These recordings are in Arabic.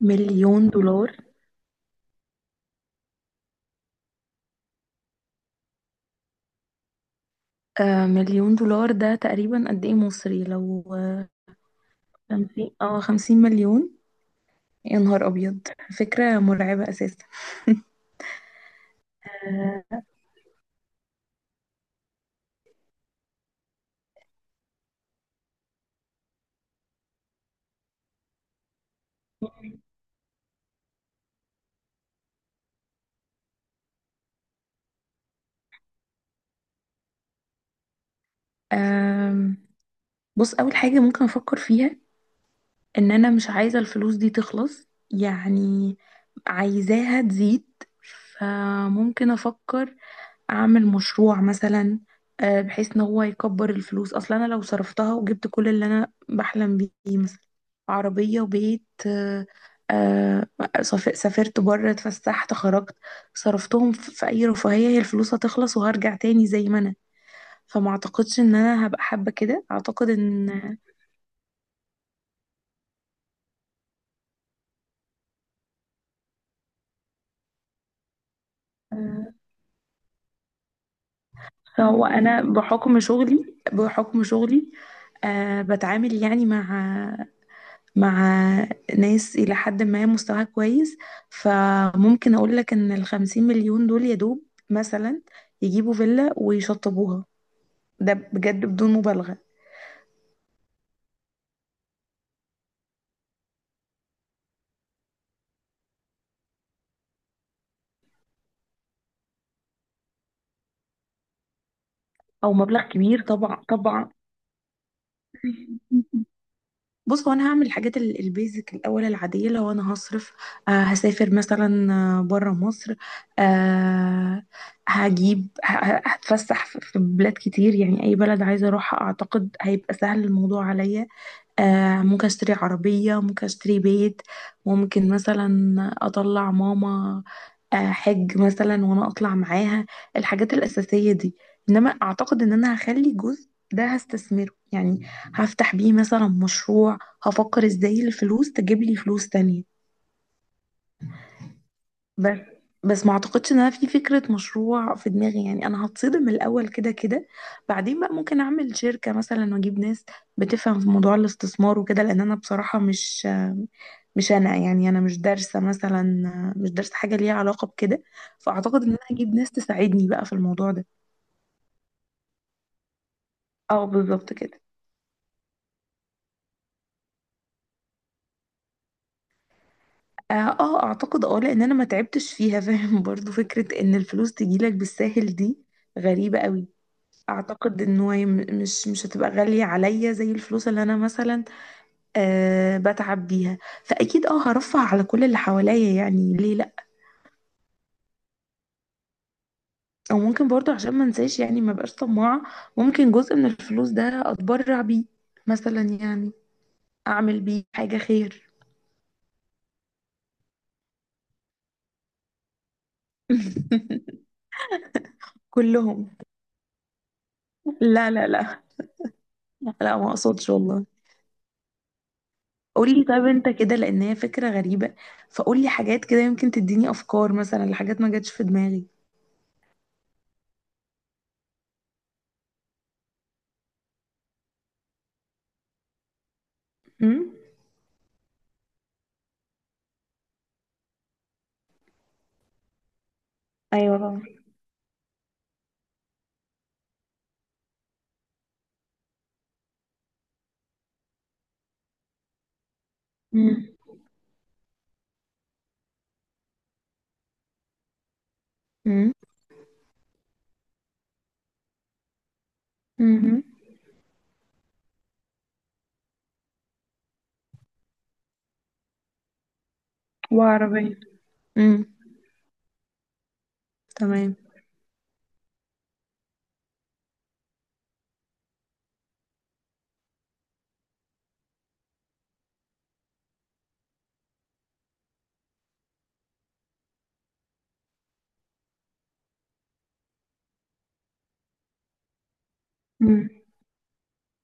مليون دولار. 1 مليون دولار ده تقريبا قد ايه مصري؟ لو 50، 50 مليون. يا نهار ابيض، فكرة مرعبة اساسا. آه آم، بص، اول حاجة ممكن افكر فيها ان انا مش عايزة الفلوس دي تخلص يعني، عايزاها تزيد. فممكن افكر اعمل مشروع مثلا، بحيث ان هو يكبر الفلوس. اصلا انا لو صرفتها وجبت كل اللي انا بحلم بيه، مثلا عربية وبيت، آه، سافرت بره، اتفسحت، خرجت، صرفتهم في اي رفاهية، هي الفلوس هتخلص وهرجع تاني زي ما انا. فما اعتقدش ان انا هبقى حابة كده. اعتقد ان آه، هو انا بحكم شغلي، بتعامل يعني مع ناس إلى حد ما مستواها كويس. فممكن أقول لك إن ال50 مليون دول يا دوب مثلا يجيبوا فيلا ويشطبوها. ده بجد بدون مبالغة. أو مبلغ كبير طبعا، طبعا. بص، هو انا هعمل الحاجات البيزك الاول، العاديه. لو انا هصرف، هسافر مثلا بره مصر، آه هجيب هتفسح في بلاد كتير. يعني اي بلد عايزه اروحها اعتقد هيبقى سهل الموضوع عليا. ممكن اشتري عربية، ممكن اشتري بيت، ممكن مثلا اطلع ماما حج مثلا وانا اطلع معاها. الحاجات الأساسية دي. انما اعتقد ان انا هخلي جزء ده هستثمره يعني، هفتح بيه مثلا مشروع. هفكر ازاي الفلوس تجيب لي فلوس تانية. بس بس ما اعتقدش ان انا في فكرة مشروع في دماغي يعني. انا هتصدم الاول كده كده. بعدين بقى ممكن اعمل شركة مثلا واجيب ناس بتفهم في موضوع الاستثمار وكده، لان انا بصراحة مش انا يعني، انا مش دارسه مثلا، مش دارسه حاجه ليها علاقه بكده. فاعتقد ان انا هجيب ناس تساعدني بقى في الموضوع ده. اه بالظبط كده. اه، اعتقد اه، لان انا ما تعبتش فيها، فاهم؟ برضو فكره ان الفلوس تجيلك بالساهل دي غريبه قوي. اعتقد ان هو مش هتبقى غاليه عليا زي الفلوس اللي انا مثلا بتعب بيها. فاكيد اه هرفه على كل اللي حواليا، يعني ليه. او ممكن برضو عشان ما انساش، يعني ما بقاش طماعة، ممكن جزء من الفلوس ده اتبرع بيه مثلا يعني، اعمل بيه حاجة خير. كلهم. لا لا لا، لا ما اقصدش والله. قولي طيب انت كده، لان هي فكرة غريبة. فقولي حاجات كده يمكن تديني افكار مثلا لحاجات ما جاتش في دماغي. امم. ايوه طبعا. امم. امم. امم وعربية. امم. تمام. امم.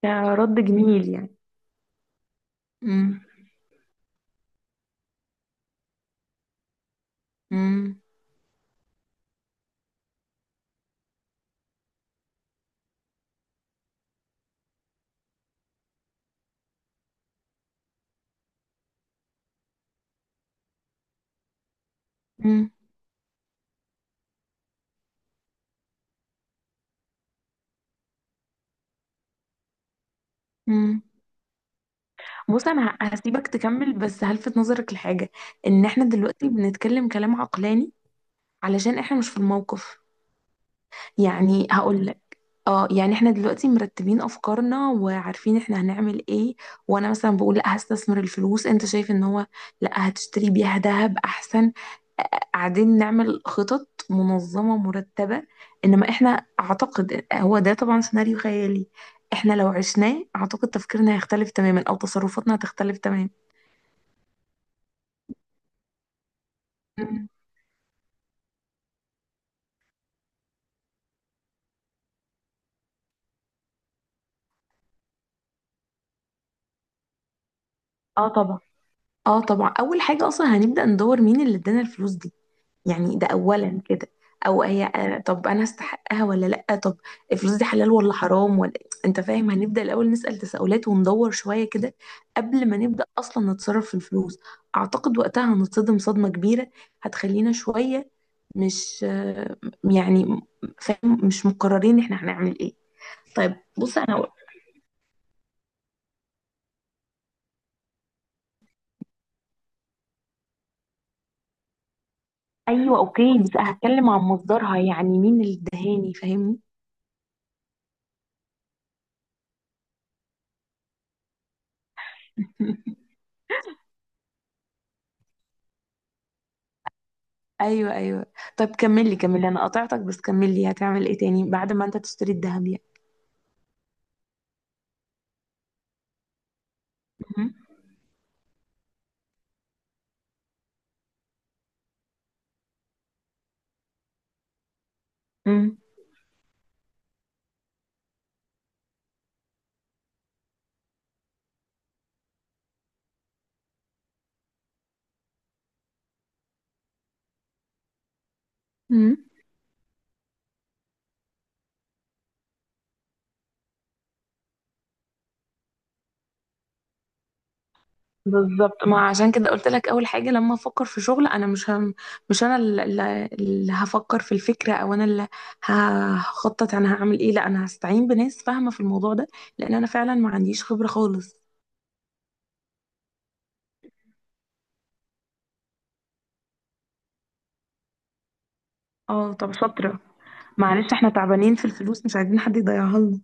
كرد جميل يعني. امم. امم. امم. بص، انا هسيبك تكمل بس هلفت نظرك لحاجه، ان احنا دلوقتي بنتكلم كلام عقلاني علشان احنا مش في الموقف. يعني هقول لك اه، يعني احنا دلوقتي مرتبين افكارنا وعارفين احنا هنعمل ايه. وانا مثلا بقول لا هستثمر الفلوس، انت شايف ان هو لا هتشتري بيها ذهب احسن. آه، قاعدين نعمل خطط منظمة مرتبة. إنما إحنا أعتقد هو ده طبعا سيناريو خيالي. إحنا لو عشناه أعتقد تفكيرنا هيختلف تماما أو تصرفاتنا هتختلف تماما. م-م. اه طبعا. اه طبعا، اول حاجه اصلا هنبدا ندور مين اللي ادانا الفلوس دي، يعني ده اولا كده. او هي طب انا استحقها ولا لا؟ طب الفلوس دي حلال ولا حرام ولا؟ انت فاهم، هنبدا الاول نسال تساؤلات وندور شويه كده قبل ما نبدا اصلا نتصرف في الفلوس. اعتقد وقتها هنتصدم صدمه كبيره هتخلينا شويه مش يعني فاهم، مش مقررين احنا هنعمل ايه. طيب بص انا، ايوه اوكي، بس هتكلم عن مصدرها يعني مين الدهاني، فاهمني؟ ايوه ايوه. طب كملي كملي، انا قطعتك بس، كملي هتعمل ايه تاني بعد ما انت تشتري الذهب يعني؟ مهم. امم. امم. بالظبط، ما عشان كده قلت لك اول حاجه لما افكر في شغل، انا مش هم، مش انا اللي هفكر في الفكره او انا اللي هخطط انا هعمل ايه. لا، انا هستعين بناس فاهمه في الموضوع ده، لان انا فعلا ما عنديش خبره خالص. اه طب شاطره. معلش احنا تعبانين في الفلوس، مش عايزين حد يضيعها لنا.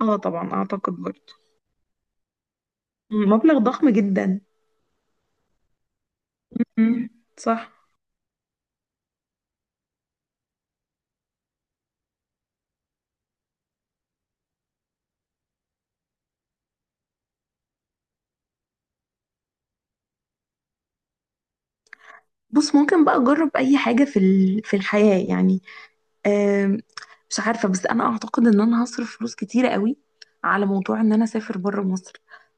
اه طبعا اعتقد برضه مبلغ ضخم جدا. مم. صح. بص ممكن بقى اجرب اي حاجة في الحياة يعني. آم، مش عارفة، بس أنا أعتقد إن أنا هصرف فلوس كتيرة قوي على موضوع إن أنا أسافر بره مصر.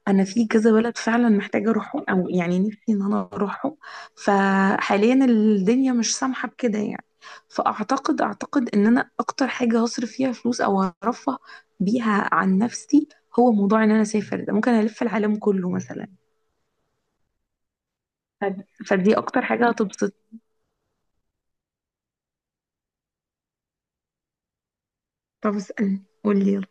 أنا في كذا بلد فعلا محتاجة أروحهم، أو يعني نفسي إن أنا أروحهم، فحاليا الدنيا مش سامحة بكده يعني. فأعتقد، أعتقد إن أنا أكتر حاجة هصرف فيها فلوس أو هرفه بيها عن نفسي، هو موضوع إن أنا أسافر ده. ممكن ألف العالم كله مثلا. فدي أكتر حاجة هتبسط. طب اسألني، قولي يلا.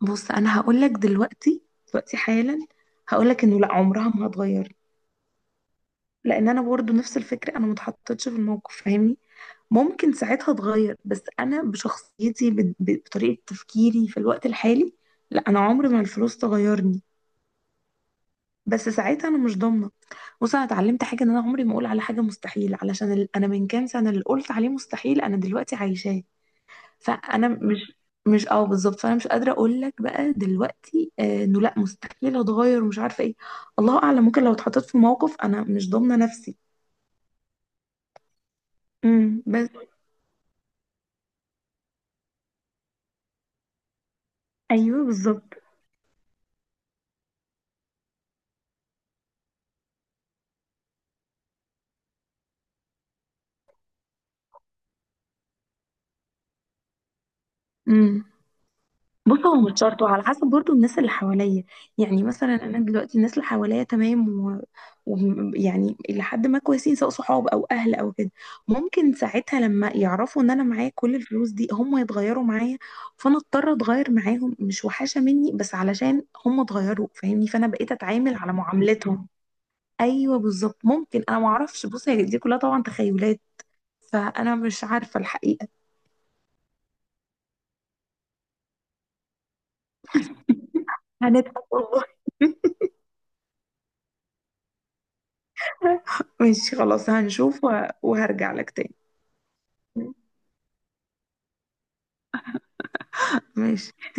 بص انا هقولك دلوقتي، دلوقتي حالا هقولك انه لا، عمرها ما هتغير، لان انا برضو نفس الفكره، انا ما اتحطيتش في الموقف، فاهمني؟ ممكن ساعتها اتغير، بس انا بشخصيتي، بطريقه تفكيري في الوقت الحالي، لا انا عمري ما الفلوس تغيرني. بس ساعتها انا مش ضامنه. بص انا اتعلمت حاجه، ان انا عمري ما اقول على حاجه مستحيل، علشان انا من كام سنه اللي قلت عليه مستحيل انا دلوقتي عايشاه. فانا مش اه بالظبط، فانا مش قادره اقول لك بقى دلوقتي انه لا مستحيل اتغير ومش عارفه ايه. الله اعلم، ممكن لو اتحطيت في موقف انا مش ضامنه نفسي. امم. بس ايوه بالظبط. امم. بص هو مش شرط، وعلى حسب برضو الناس اللي حواليا. يعني مثلا انا دلوقتي الناس اللي حواليا تمام، و... يعني لحد ما كويسين، سواء صحاب او اهل او كده. ممكن ساعتها لما يعرفوا ان انا معايا كل الفلوس دي هم يتغيروا معايا، فانا اضطر اتغير معاهم. مش وحشة مني بس علشان هم اتغيروا، فاهمني؟ فانا بقيت اتعامل على معاملتهم. ايوه بالظبط. ممكن انا ما اعرفش، بص هي دي كلها طبعا تخيلات، فانا مش عارفة الحقيقة. هنضحك والله. ماشي خلاص، هنشوف وهرجع لك تاني. ماشي.